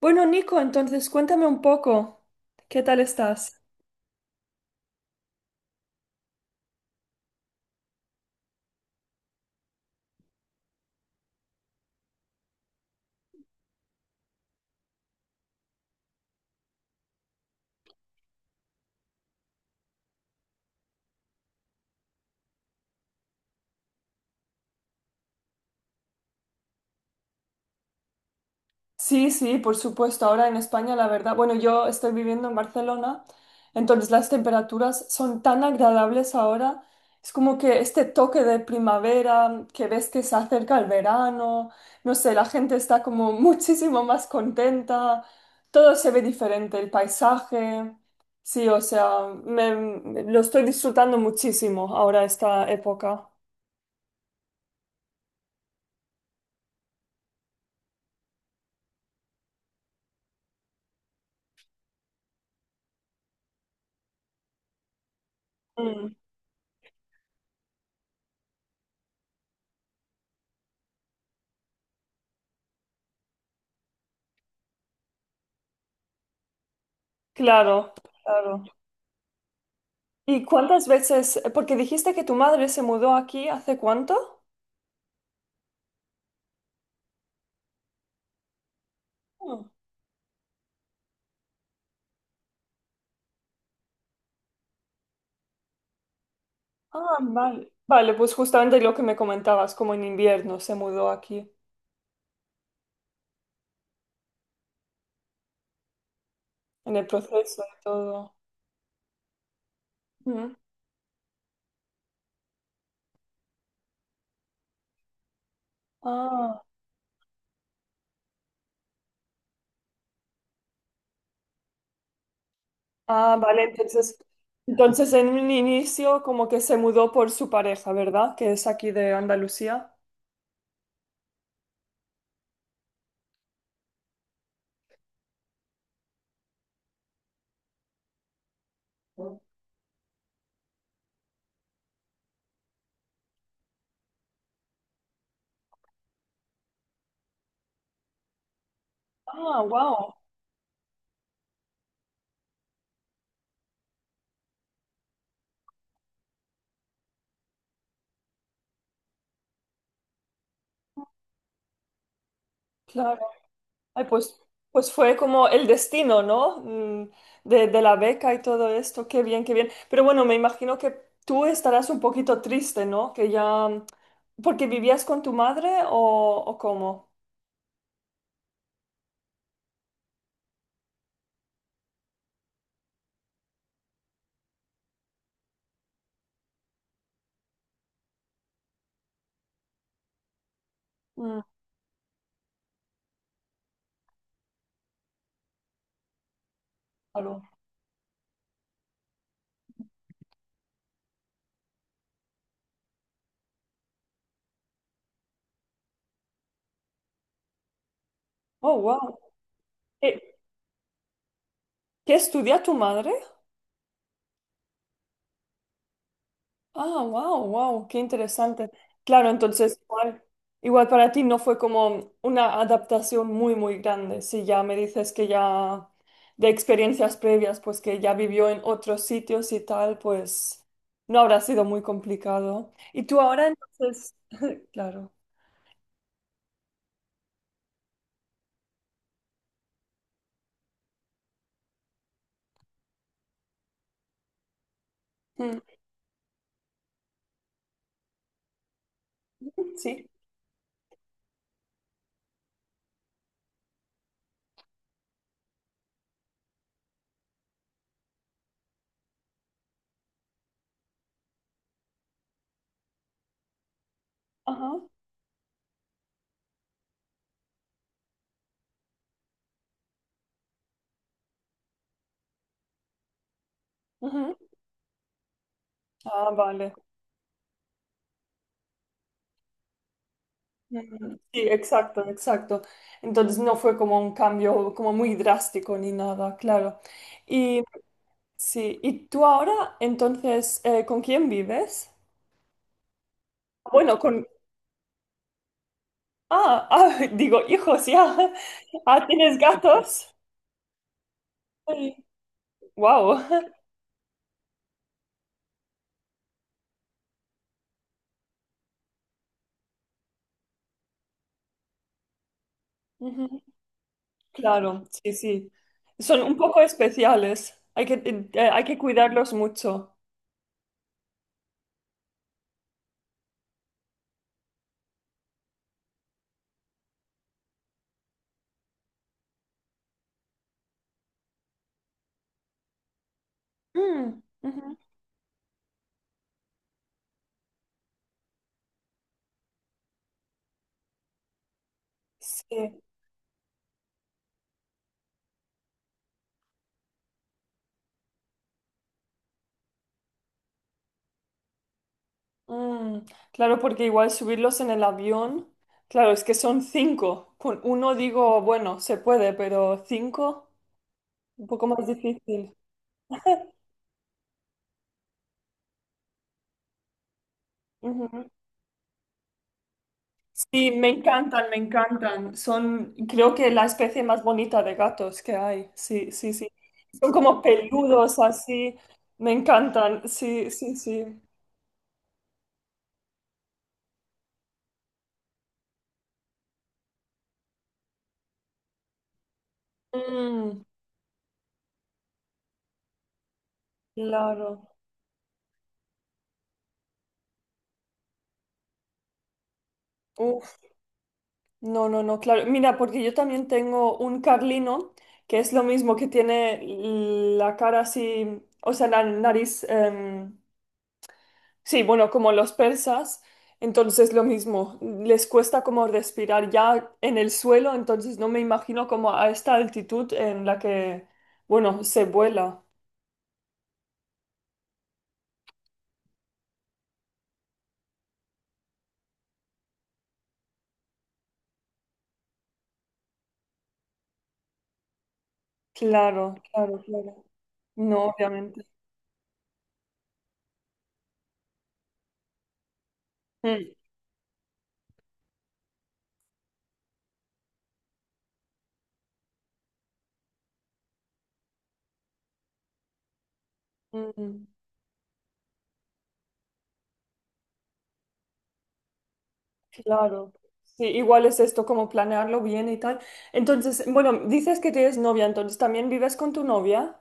Bueno, Nico, entonces cuéntame un poco, ¿qué tal estás? Sí, sí, por supuesto. Ahora en España, la verdad, bueno, yo estoy viviendo en Barcelona, entonces las temperaturas son tan agradables ahora. Es como que este toque de primavera, que ves que se acerca el verano, no sé, la gente está como muchísimo más contenta, todo se ve diferente, el paisaje. Sí, o sea, lo estoy disfrutando muchísimo ahora esta época. Claro, claro. ¿Y cuántas veces? Porque dijiste que tu madre se mudó aquí, ¿hace cuánto? Mm. Ah, vale. Vale, pues justamente lo que me comentabas, como en invierno se mudó aquí, en el proceso y todo. Mm. Ah, ah, vale, entonces, entonces en un inicio como que se mudó por su pareja, ¿verdad? Que es aquí de Andalucía. Ah, wow. Ay, pues, pues fue como el destino, ¿no? De la beca y todo esto. Qué bien, qué bien. Pero bueno, me imagino que tú estarás un poquito triste, ¿no? Que ya... ¿Porque vivías con tu madre o cómo? Mm, algo. Oh, wow. ¿Qué, qué estudia tu madre? Ah, wow, wow, qué interesante. Claro, entonces igual, igual para ti no fue como una adaptación muy, muy grande. Si ya me dices que ya de experiencias previas, pues que ya vivió en otros sitios y tal, pues no habrá sido muy complicado. Y tú ahora entonces, claro. Mm. Sí, ajá. Ujú. Ah, vale. Mm. Sí, exacto, exacto. Entonces no fue como un cambio como muy drástico ni nada, claro. Sí, ¿y tú ahora entonces con quién vives? Bueno, con... Ah, ah, digo, hijos, ya. Ah, ¿tienes gatos? Wow. Claro, sí, sí. Son un poco especiales. Hay que cuidarlos mucho. Mm, ujú. Sí. Mm. Claro, porque igual subirlos en el avión. Claro, es que son cinco. Con uno digo, bueno, se puede, pero cinco, un poco más difícil. Sí, me encantan, me encantan. Son, creo que la especie más bonita de gatos que hay. Sí, sí, sí. Son como peludos así. Me encantan. Sí, sí, sí. Mm, claro. Uf, no, no, no, claro. Mira, porque yo también tengo un carlino que es lo mismo, que tiene la cara así, o sea, la nariz, sí, bueno, como los persas, entonces lo mismo, les cuesta como respirar ya en el suelo, entonces no me imagino como a esta altitud en la que, bueno, se vuela. Claro, claro, claro. No, obviamente. Mm, mm, claro. Sí, igual es esto, como planearlo bien y tal. Entonces, bueno, dices que tienes novia, entonces también vives con tu novia.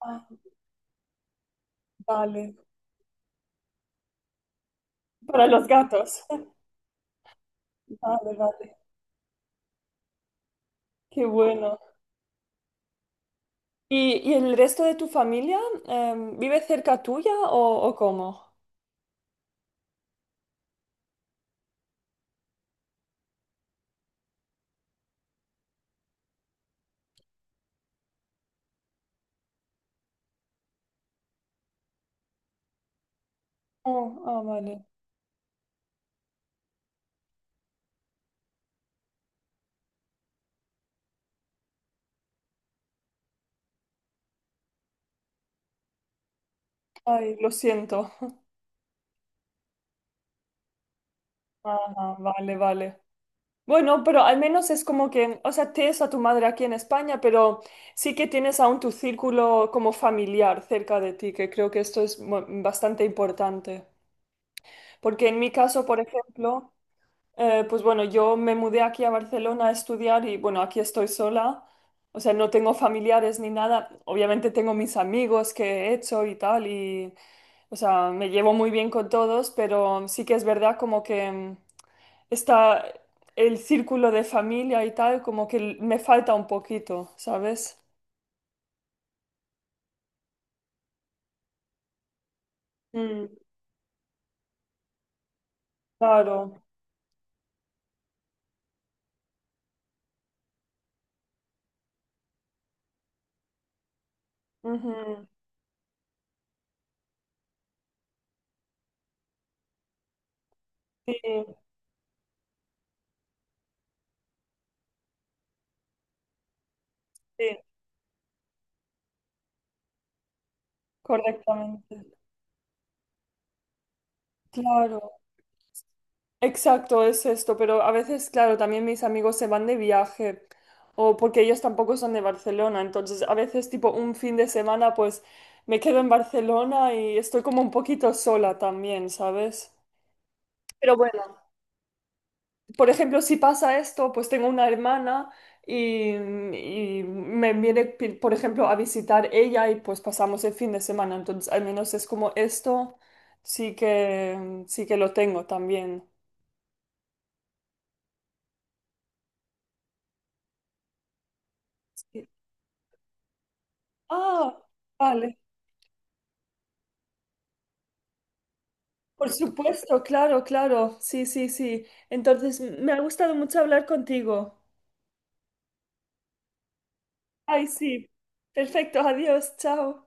Ah, vale. Para los gatos. Vale, vale. Qué bueno. Y el resto de tu familia vive cerca tuya o cómo? Oh, ah, vale. Ay, lo siento. Ajá, vale, vale. Bueno, pero al menos es como que, o sea, tienes a tu madre aquí en España, pero sí que tienes aún tu círculo como familiar cerca de ti, que creo que esto es bastante importante. Porque en mi caso, por ejemplo, pues bueno, yo me mudé aquí a Barcelona a estudiar y bueno, aquí estoy sola. O sea, no tengo familiares ni nada. Obviamente tengo mis amigos que he hecho y tal y, o sea, me llevo muy bien con todos, pero sí que es verdad como que mm, está el círculo de familia y tal, como que me falta un poquito, ¿sabes? Mm, claro. Ujú. Sí, sí, correctamente. Claro. Exacto, es esto, pero a veces, claro, también mis amigos se van de viaje o porque ellos tampoco son de Barcelona, entonces a veces tipo un fin de semana pues me quedo en Barcelona y estoy como un poquito sola también, ¿sabes? Pero bueno, por ejemplo, si pasa esto, pues tengo una hermana y me viene, por ejemplo, a visitar ella y pues pasamos el fin de semana, entonces al menos es como esto, sí que lo tengo también. Sí. Ah, vale. Por supuesto, claro, claro. Sí, sí, sí. Entonces, me ha gustado mucho hablar contigo. Ay, sí. Perfecto, adiós, chao.